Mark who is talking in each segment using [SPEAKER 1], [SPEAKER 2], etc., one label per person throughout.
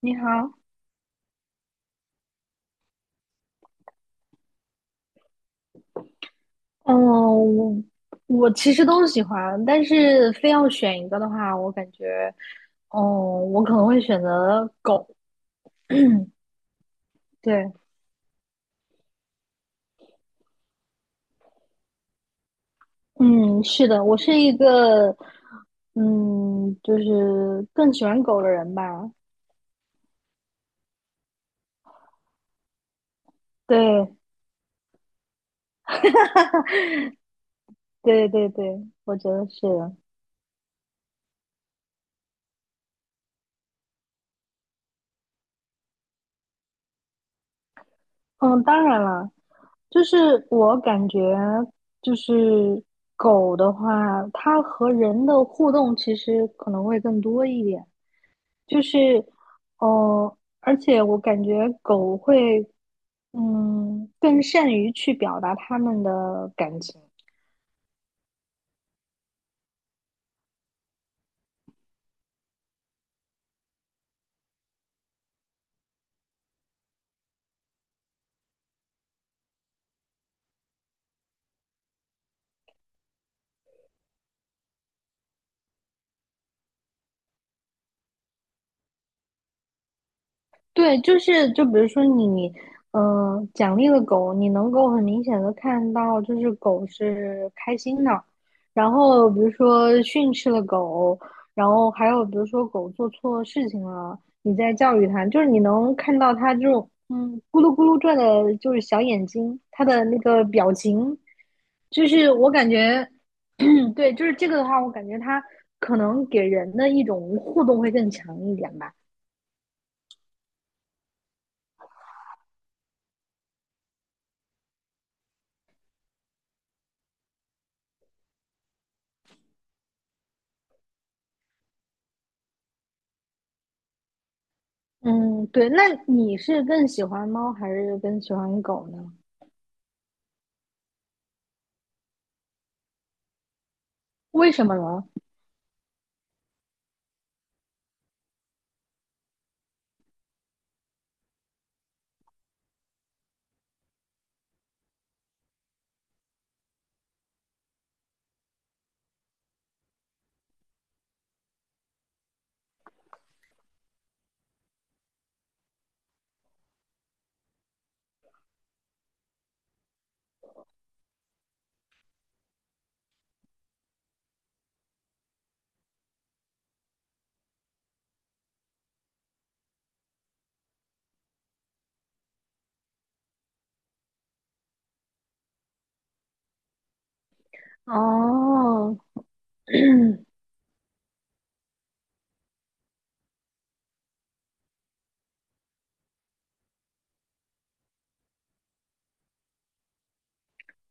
[SPEAKER 1] 你好。嗯，我我其实都喜欢，但是非要选一个的话，我感觉，哦，我可能会选择狗。对。嗯，是的，我是一个，就是更喜欢狗的人吧。对 对对对，我觉得是的。嗯，当然了，就是我感觉，就是狗的话，它和人的互动其实可能会更多一点。就是，哦，而且我感觉狗会，更善于去表达它们的感情。对，就比如说你，奖励了狗，你能够很明显的看到，就是狗是开心的。然后比如说训斥了狗，然后还有比如说狗做错事情了，你在教育它，就是你能看到它这种咕噜咕噜转的，就是小眼睛，它的那个表情，就是我感觉，对，就是这个的话，我感觉它可能给人的一种互动会更强一点吧。嗯，对，那你是更喜欢猫还是更喜欢狗呢？为什么呢？哦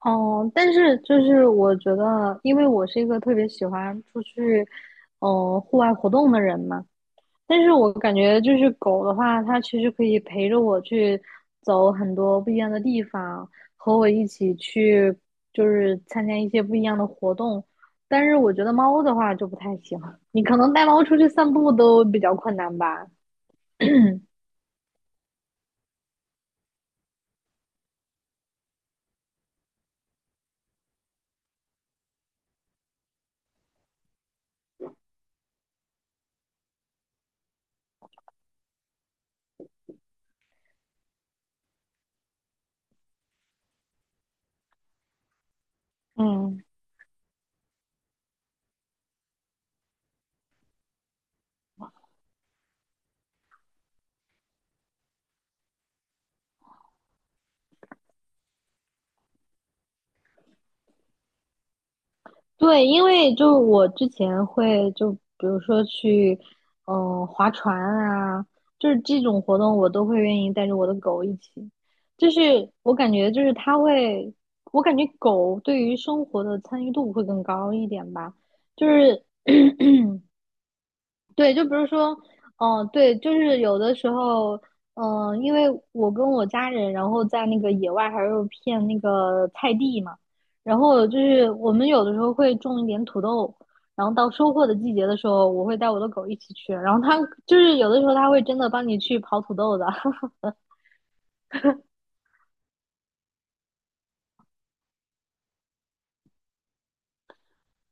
[SPEAKER 1] 哦，但是就是我觉得，因为我是一个特别喜欢出去，户外活动的人嘛。但是我感觉就是狗的话，它其实可以陪着我去走很多不一样的地方，和我一起去就是参加一些不一样的活动。但是我觉得猫的话就不太行，你可能带猫出去散步都比较困难吧。嗯，对，因为就我之前会就比如说去，划船啊，就是这种活动我都会愿意带着我的狗一起。就是我感觉就是它会，我感觉狗对于生活的参与度会更高一点吧。就是对，就比如说，对，就是有的时候，因为我跟我家人，然后在那个野外还有片那个菜地嘛，然后就是我们有的时候会种一点土豆，然后到收获的季节的时候，我会带我的狗一起去，然后它就是有的时候它会真的帮你去刨土豆的，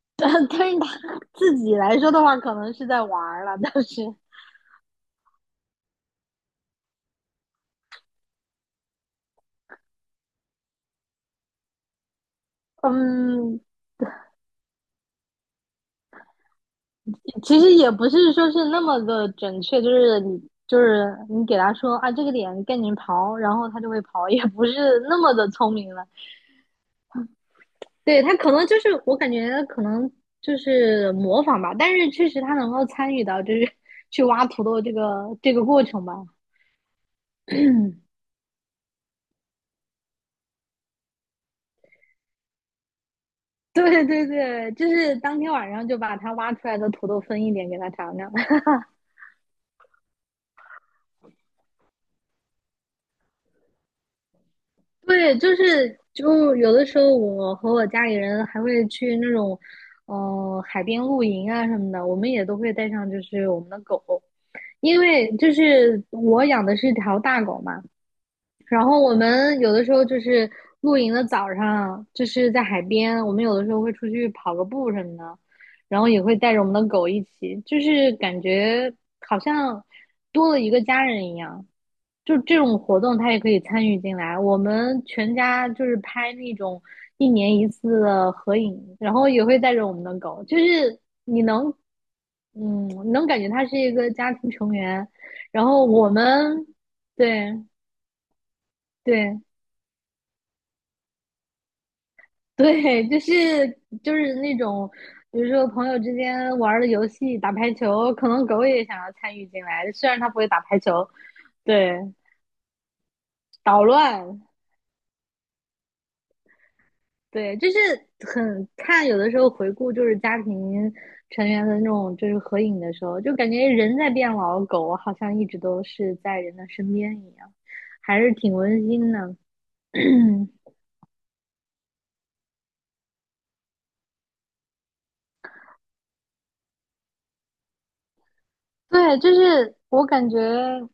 [SPEAKER 1] 但是它自己来说的话，可能是在玩儿了，但是，嗯，其实也不是说是那么的准确，就是你给他说啊这个点赶紧刨，然后他就会刨，也不是那么的聪明了。对，他可能就是我感觉可能就是模仿吧，但是确实他能够参与到就是 去挖土豆这个过程吧。对对对，就是当天晚上就把他挖出来的土豆分一点给他尝尝。对，就是就有的时候，我和我家里人还会去那种，海边露营啊什么的，我们也都会带上就是我们的狗，因为就是我养的是条大狗嘛，然后我们有的时候就是露营的早上，就是在海边，我们有的时候会出去跑个步什么的，然后也会带着我们的狗一起，就是感觉好像多了一个家人一样。就这种活动，它也可以参与进来。我们全家就是拍那种一年一次的合影，然后也会带着我们的狗，就是你能，能感觉他是一个家庭成员。然后我们，对对，对，就是那种，比如说朋友之间玩儿的游戏，打排球，可能狗也想要参与进来，虽然它不会打排球，对，捣乱，对，就是有的时候回顾就是家庭成员的那种就是合影的时候，就感觉人在变老，狗好像一直都是在人的身边一样，还是挺温馨的。对，就是我感觉，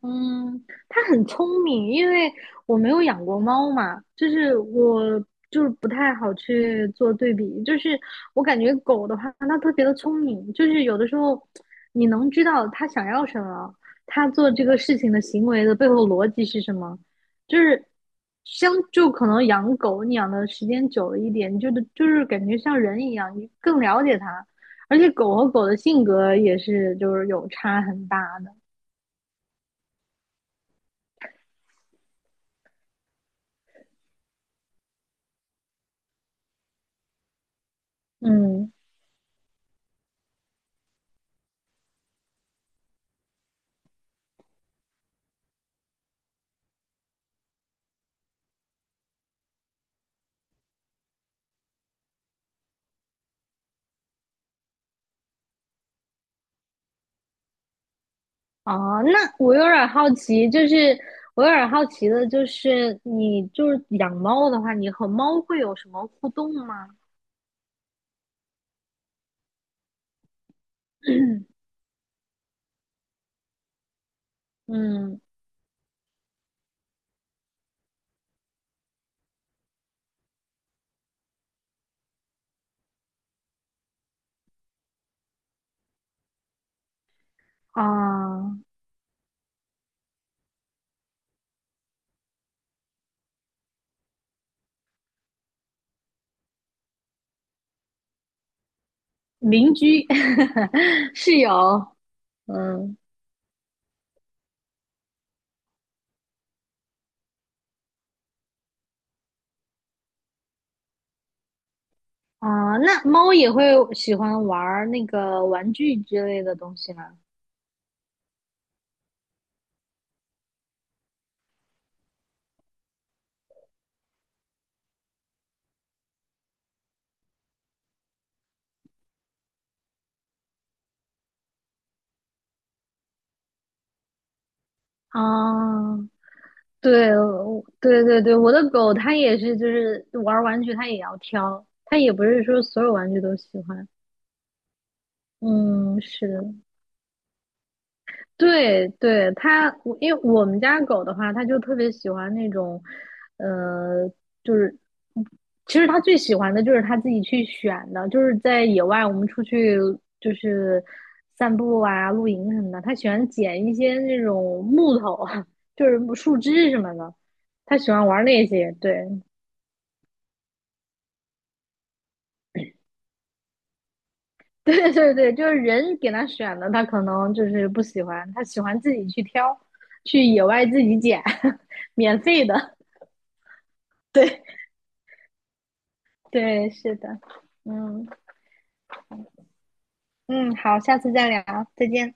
[SPEAKER 1] 它很聪明，因为我没有养过猫嘛，就是我就是不太好去做对比，就是我感觉狗的话，它特别的聪明，就是有的时候你能知道它想要什么，它做这个事情的行为的背后逻辑是什么，就是可能养狗，你养的时间久了一点，你就是感觉像人一样，你更了解它，而且狗和狗的性格也是就是有差很大的。嗯，哦，那我有点好奇，就是我有点好奇的，就是你就是养猫的话，你和猫会有什么互动吗？嗯啊，邻居 室友嗯，那猫也会喜欢玩儿那个玩具之类的东西吗？啊，对，我对对对，我的狗它也是，就是玩儿玩具它也要挑，它也不是说所有玩具都喜欢。嗯，是的，对对，它，我因为我们家狗的话，它就特别喜欢那种，呃，就是其实它最喜欢的就是它自己去选的，就是在野外我们出去就是散步啊、露营什么的，它喜欢捡一些那种木头，就是树枝什么的，它喜欢玩那些，对。对对对，就是人给他选的，他可能就是不喜欢，他喜欢自己去挑，去野外自己捡，免费的。对对，是的，嗯嗯，好，下次再聊，再见。